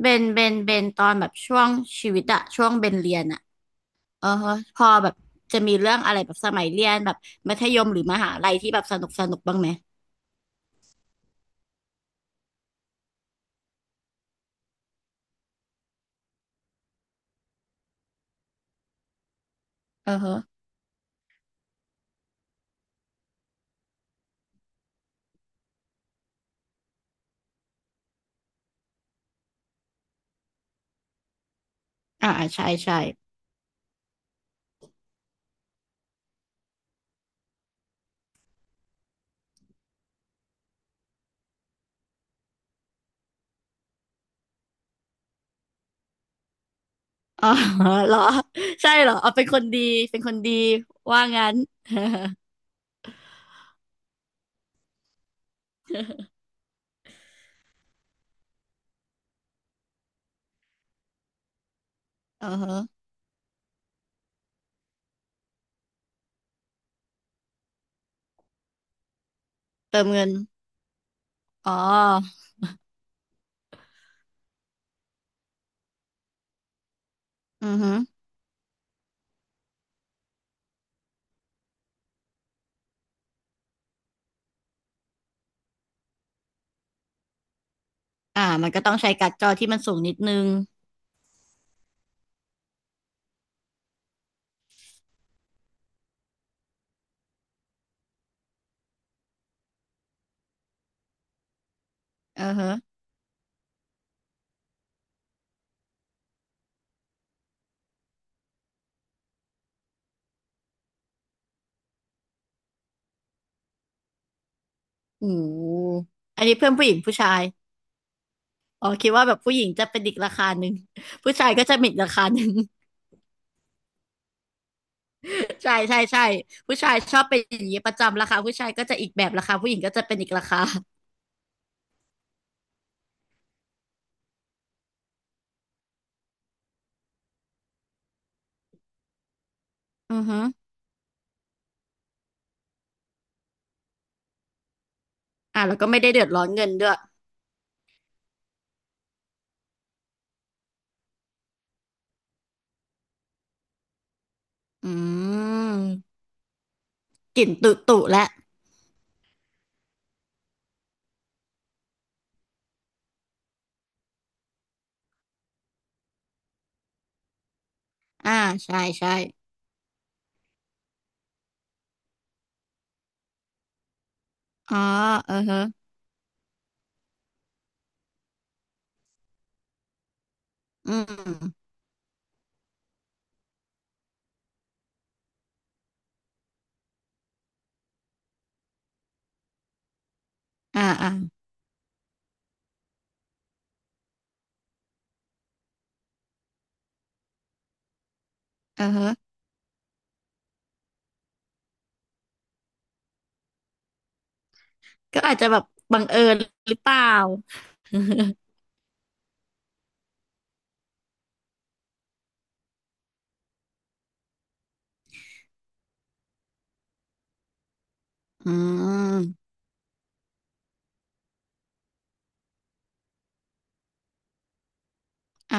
เบนตอนแบบช่วงชีวิตอะช่วงเบนเรียนอะเออฮะพอแบบจะมีเรื่องอะไรแบบสมัยเรียนแบบมัธยมหรือมหาลัยที่แบบสนุกสนุกบ้างไหมเออฮะอ่าอ่าใช่ใช่อ๋อ เหรอใช่เหรอเอาเป็นคนดีเป็นคนดีว่างั้นเออฮะเติมเงินอ๋ออือฮึอ่ามันก็ต้องใช้การ์ดจอที่มันสูงนิดนึงเออฮะโอ้โหอันนี้เพื่อนผู้หญิงผู้ชายอ๋อคิดว่าแบบผู้หญิงจะเป็นอีกราคาหนึ่งผู้ชายก็จะมีอีกราคาหนึ่ง ใช่ใช่ใช่ผู้ชายชอบเป็นอย่างนี้ประจำราคาผู้ชายก็จะอีกแบบราคาผู้หญิงก็จะเป็นอีกราคาอือฮึอ่าแล้วก็ไม่ได้เดือดร้อนเงินด้วยอืมกลิ่นตุตุแล้วอ่าใช่ใช่อ๋อเออฮะอืมอ่าอ่าเออฮะก็อาจจะแบบบังเอิญหรือเปล่า อืมอ่า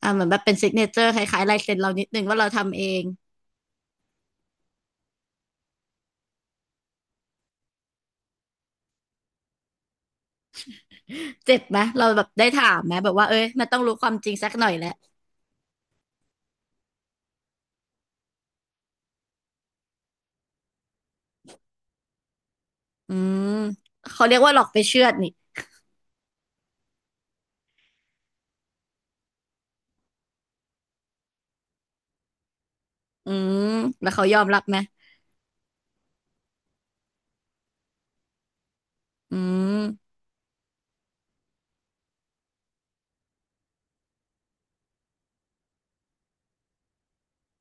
อ่าเหมือนแบบเป็นซิกเนเจอร์คล้ายๆลายเซ็นเรานิดนึงว่าเราทำเอง เจ็บไหมเราแบบได้ถามไหมแบบว่าเอ้ยมันต้องรู้ความจริงสักหน่อยแหละ อืมเขาเรียกว่าหลอกไปเชื่อดนี่อืมแล้วเขายอมรับไหมอืม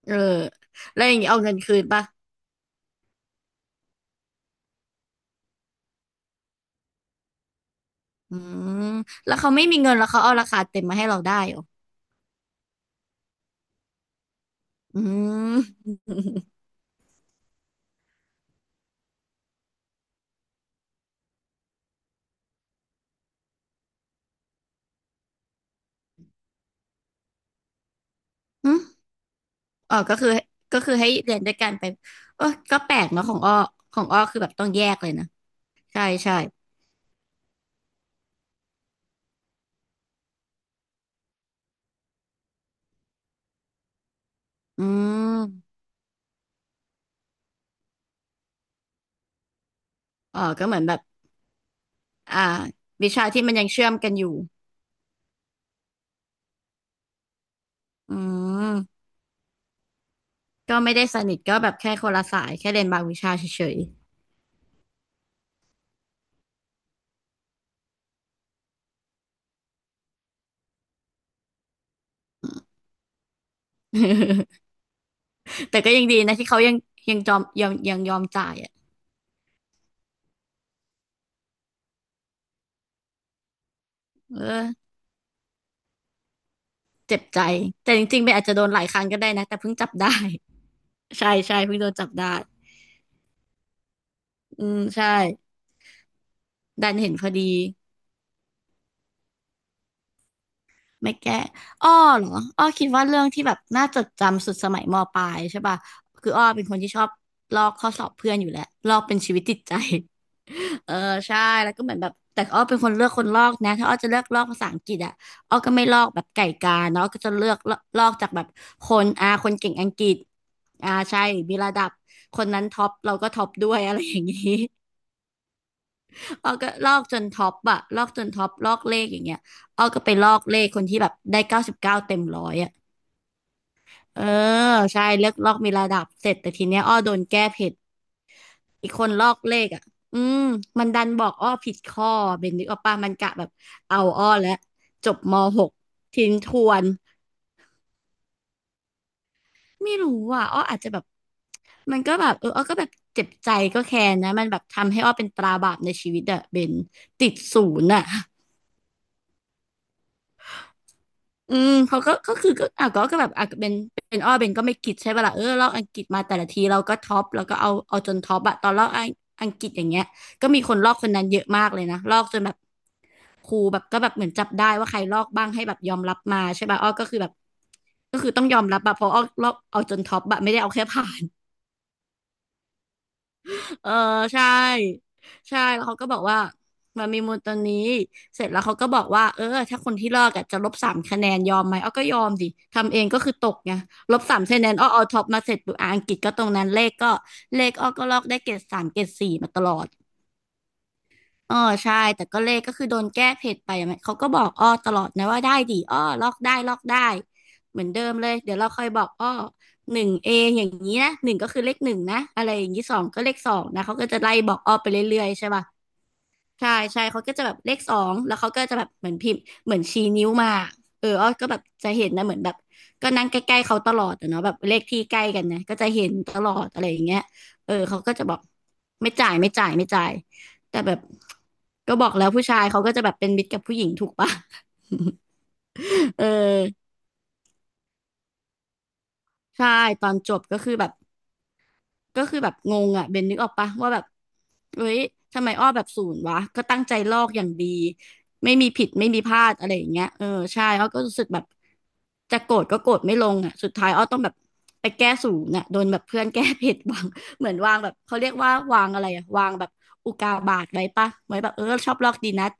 เออแล้วอย่างนี้เอาเงินคืนป่ะอืมแล้วเขาไม่มีเงินแล้วเขาเอาราคาเต็มมาให้เราได้เหรออืมอืม อ๋อก็คือก็คือให้เรียนด้วยกันไปเออก็แปลกเนาะของอ้อของอ้อคือแบบต้องแยกเลยนะใช่ใช่อืมอ๋อก็เหมือนแบบอ่าวิชาที่มันยังเชื่อมกันอยู่อืมก็ไม่ได้สนิทก็แบบแค่คนละสายแค่เรียนบางวิชาเฉยๆ แต่ก็ยังดีนะที่เขายังยังยอมจ่ายอ่ะเออเจ็บใจแต่จริงๆไปอาจจะโดนหลายครั้งก็ได้นะแต่เพิ่งจับได้ใช่ใช่เพิ่งโดนจับได้อืมใช่ดันเห็นพอดี ไม่แก้อ้อเหรออ้อคิดว่าเรื่องที่แบบน่าจดจำสุดสมัยมปลายใช่ป่ะคืออ้อเป็นคนที่ชอบลอกข้อสอบเพื่อนอยู่แล้วลอกเป็นชีวิตจิตใจ เออใช่แล้วก็เหมือนแบบแต่อ้อเป็นคนเลือกคนลอกนะถ้าอ้อจะเลือกลอกภาษาอังกฤษอ่ะอ้อก็ไม่ลอกแบบไก่กาเนาะอ้อก็จะเลือกลลอกจากแบบคนอ่าคนเก่งอังกฤษอ่าใช่มีระดับคนนั้นท็อปเราก็ท็อปด้วยอะไรอย่างนี้ อ้อก็ลอกจนท็อปอะลอกจนท็อปลอกเลขอย่างเงี้ยอ้อก็ไปลอกเลขคนที่แบบได้99 เต็ม 100อะเออใช่เลือกลอกมีระดับเสร็จแต่ทีเนี้ยอ้อโดนแก้ผิดอีกคนลอกเลขอะอืมมันดันบอกอ้อผิดข้อเบนนึกออกปะมันกะแบบเอาอ้อแล้วจบม.6ทิ้งทวนไม่รู้อ่ะอ้ออาจจะแบบมันก็แบบเอออ้อก็แบบเจ็บใจก็แค้นนะมันแบบทำให้อ้อเป็นตราบาปในชีวิตอะเบนติดศูนย์อะ อืมเขาก็ก็คือก็อ่ะก็ก็แบบอ่ะเป็นอ้อเป็นก็ไม่คิดใช่ป่ะล่ะเออเราอังกฤษมาแต่ละทีเราก็ท็อปแล้วก็เอาจนท็อปอะตอนเราอังกฤษอย่างเงี้ยก็มีคนลอกคนนั้นเยอะมากเลยนะลอกจนแบบครูแบบก็แบบเหมือนจับได้ว่าใครลอกบ้างให้แบบยอมรับมาใช่ป่ะอ้อก็คือแบบก็คือต้องยอมรับอะเพราะอ้อลอกเอาจนท็อปอะไม่ได้เอาแค่ผ่าน เออใช่ใช่แล้วเขาก็บอกว่ามันมีมูลตัวนี้เสร็จแล้วเขาก็บอกว่าเออถ้าคนที่ลอกอะจะลบสามคะแนนยอมไหมอ้อก็ยอมดิทำเองก็คือตกไงลบสามคะแนนอ้อเอาท็อปมาเสร็จปุ๊บอ่ะอังกฤษก็ตรงนั้นเลขก็เลขอ้อก็ลอกได้เกรด 3 เกรด 4มาตลอด เออใช่แต่ก็เลขก็คือโดนแก้เพจไปอะมันเขาก็บอกอ้อตลอดนะว่าได้ดีอ้อลอกได้ลอกได้เหมือนเดิมเลยเดี๋ยวเราค่อยบอกอ้อหนึ่งเออย่างนี้นะหนึ่งก็คือเลขหนึ่งนะอะไรอย่างนี้สองก็เลขสองนะเขาก็จะไล่บอกอ้อไปเรื่อยๆใช่ป่ะ ใช่ใช่เขาก็จะแบบเลขสองแล้วเขาก็จะแบบเหมือนพิมพ์เหมือนชี้นิ้วมาเอออ้อก็แบบจะเห็นนะเหมือนแบบก็นั่งใกล้ๆเขาตลอดอะเนาะแบบเลขที่ใกล้กันนะก็จะเห็นตลอดอะไรอย่างเงี้ยเออเขาก็จะบอกไม่จ่ายไม่จ่ายไม่จ่ายแต่แบบก็บอกแล้วผู้ชายเขาก็จะแบบเป็นมิตรกับผู้หญิงถูกปะ เออใช่ตอนจบก็คือแบบ ก็คือแบบงงอ่ะเบนนึกออกปะว่าแบบเฮ้ยทำไมอ้อแบบศูนย์วะก็ตั้งใจลอกอย่างดีไม่มีผิดไม่มีพลาดอะไรอย่างเงี้ยเออใช่อ้อก็รู้สึกแบบจะโกรธก็โกรธไม่ลงอ่ะสุดท้ายอ้อต้องแบบไปแก้ศูนย์อ่ะโดนแบบเพื่อนแก้ผิดวาง เหมือนวางแบบเขาเรียกว่าวางอะไรอะวางแบบอุกาบาตไว้ปะไว้แบบเออชอบลอกดีนัด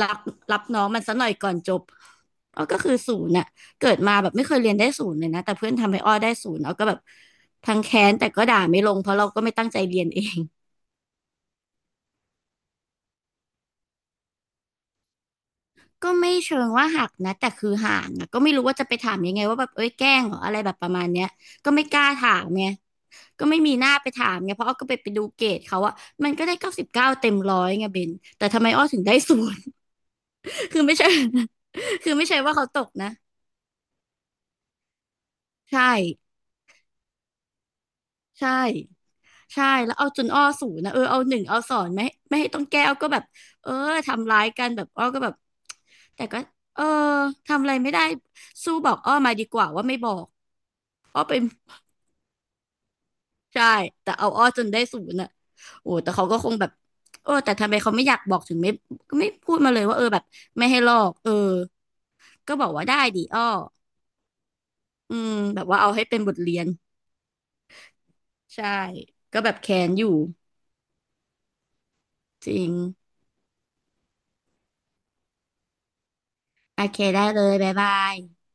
รับรับน้องมันซะหน่อยก่อนจบอ้อก็คือศูนย์อ่ะ เกิดมาแบบไม่เคยเรียนได้ศูนย์เลยนะแต่เพื่อนทำให้อ้อได้ศูนย์เราก็แบบทั้งแค้นแต่ก็ด่าไม่ลงเพราะเราก็ไม่ตั้งใจเรียนเอง ก็ไม่เชิงว่าหักนะแต่คือห่างอะก็ไม่รู้ว่าจะไปถามยังไงว่าแบบเอ้ยแกล้งเหรออะไรแบบประมาณเนี้ยก็ไม่กล้าถามไงก็ไม่มีหน้าไปถามไงเพราะอ้อก็ไปดูเกรดเขาอะมันก็ได้99เต็มร้อยไงเบนแต่ทำไมอ้อถึงได้ศูนย์ คือไม่ใช่ คือไม่ใช่ว่าเขาตกนะใช่ใช่ ใช่แล้วเอาจนอ้อศูนย์นะเออเอาหนึ่งเอาสอนไม่ให้ต้องแก้วก็แบบเออทำร้ายกันแบบอ้อก็แบบแต่ก็เออทำอะไรไม่ได้สู้บอกอ้อมาดีกว่าว่าไม่บอกอ้อเป็นใช่แต่เอาอ้อจนได้ศูนย์อ่ะโอ้แต่เขาก็คงแบบเออแต่ทำไมเขาไม่อยากบอกถึงไม่ก็ไม่พูดมาเลยว่าเออแบบไม่ให้ลอกเออก็บอกว่าได้ดิอ้ออืมแบบว่าเอาให้เป็นบทเรียนใช่ก็แบบแค้นอยู่จริงโอเคได้เลยบ๊ายบาย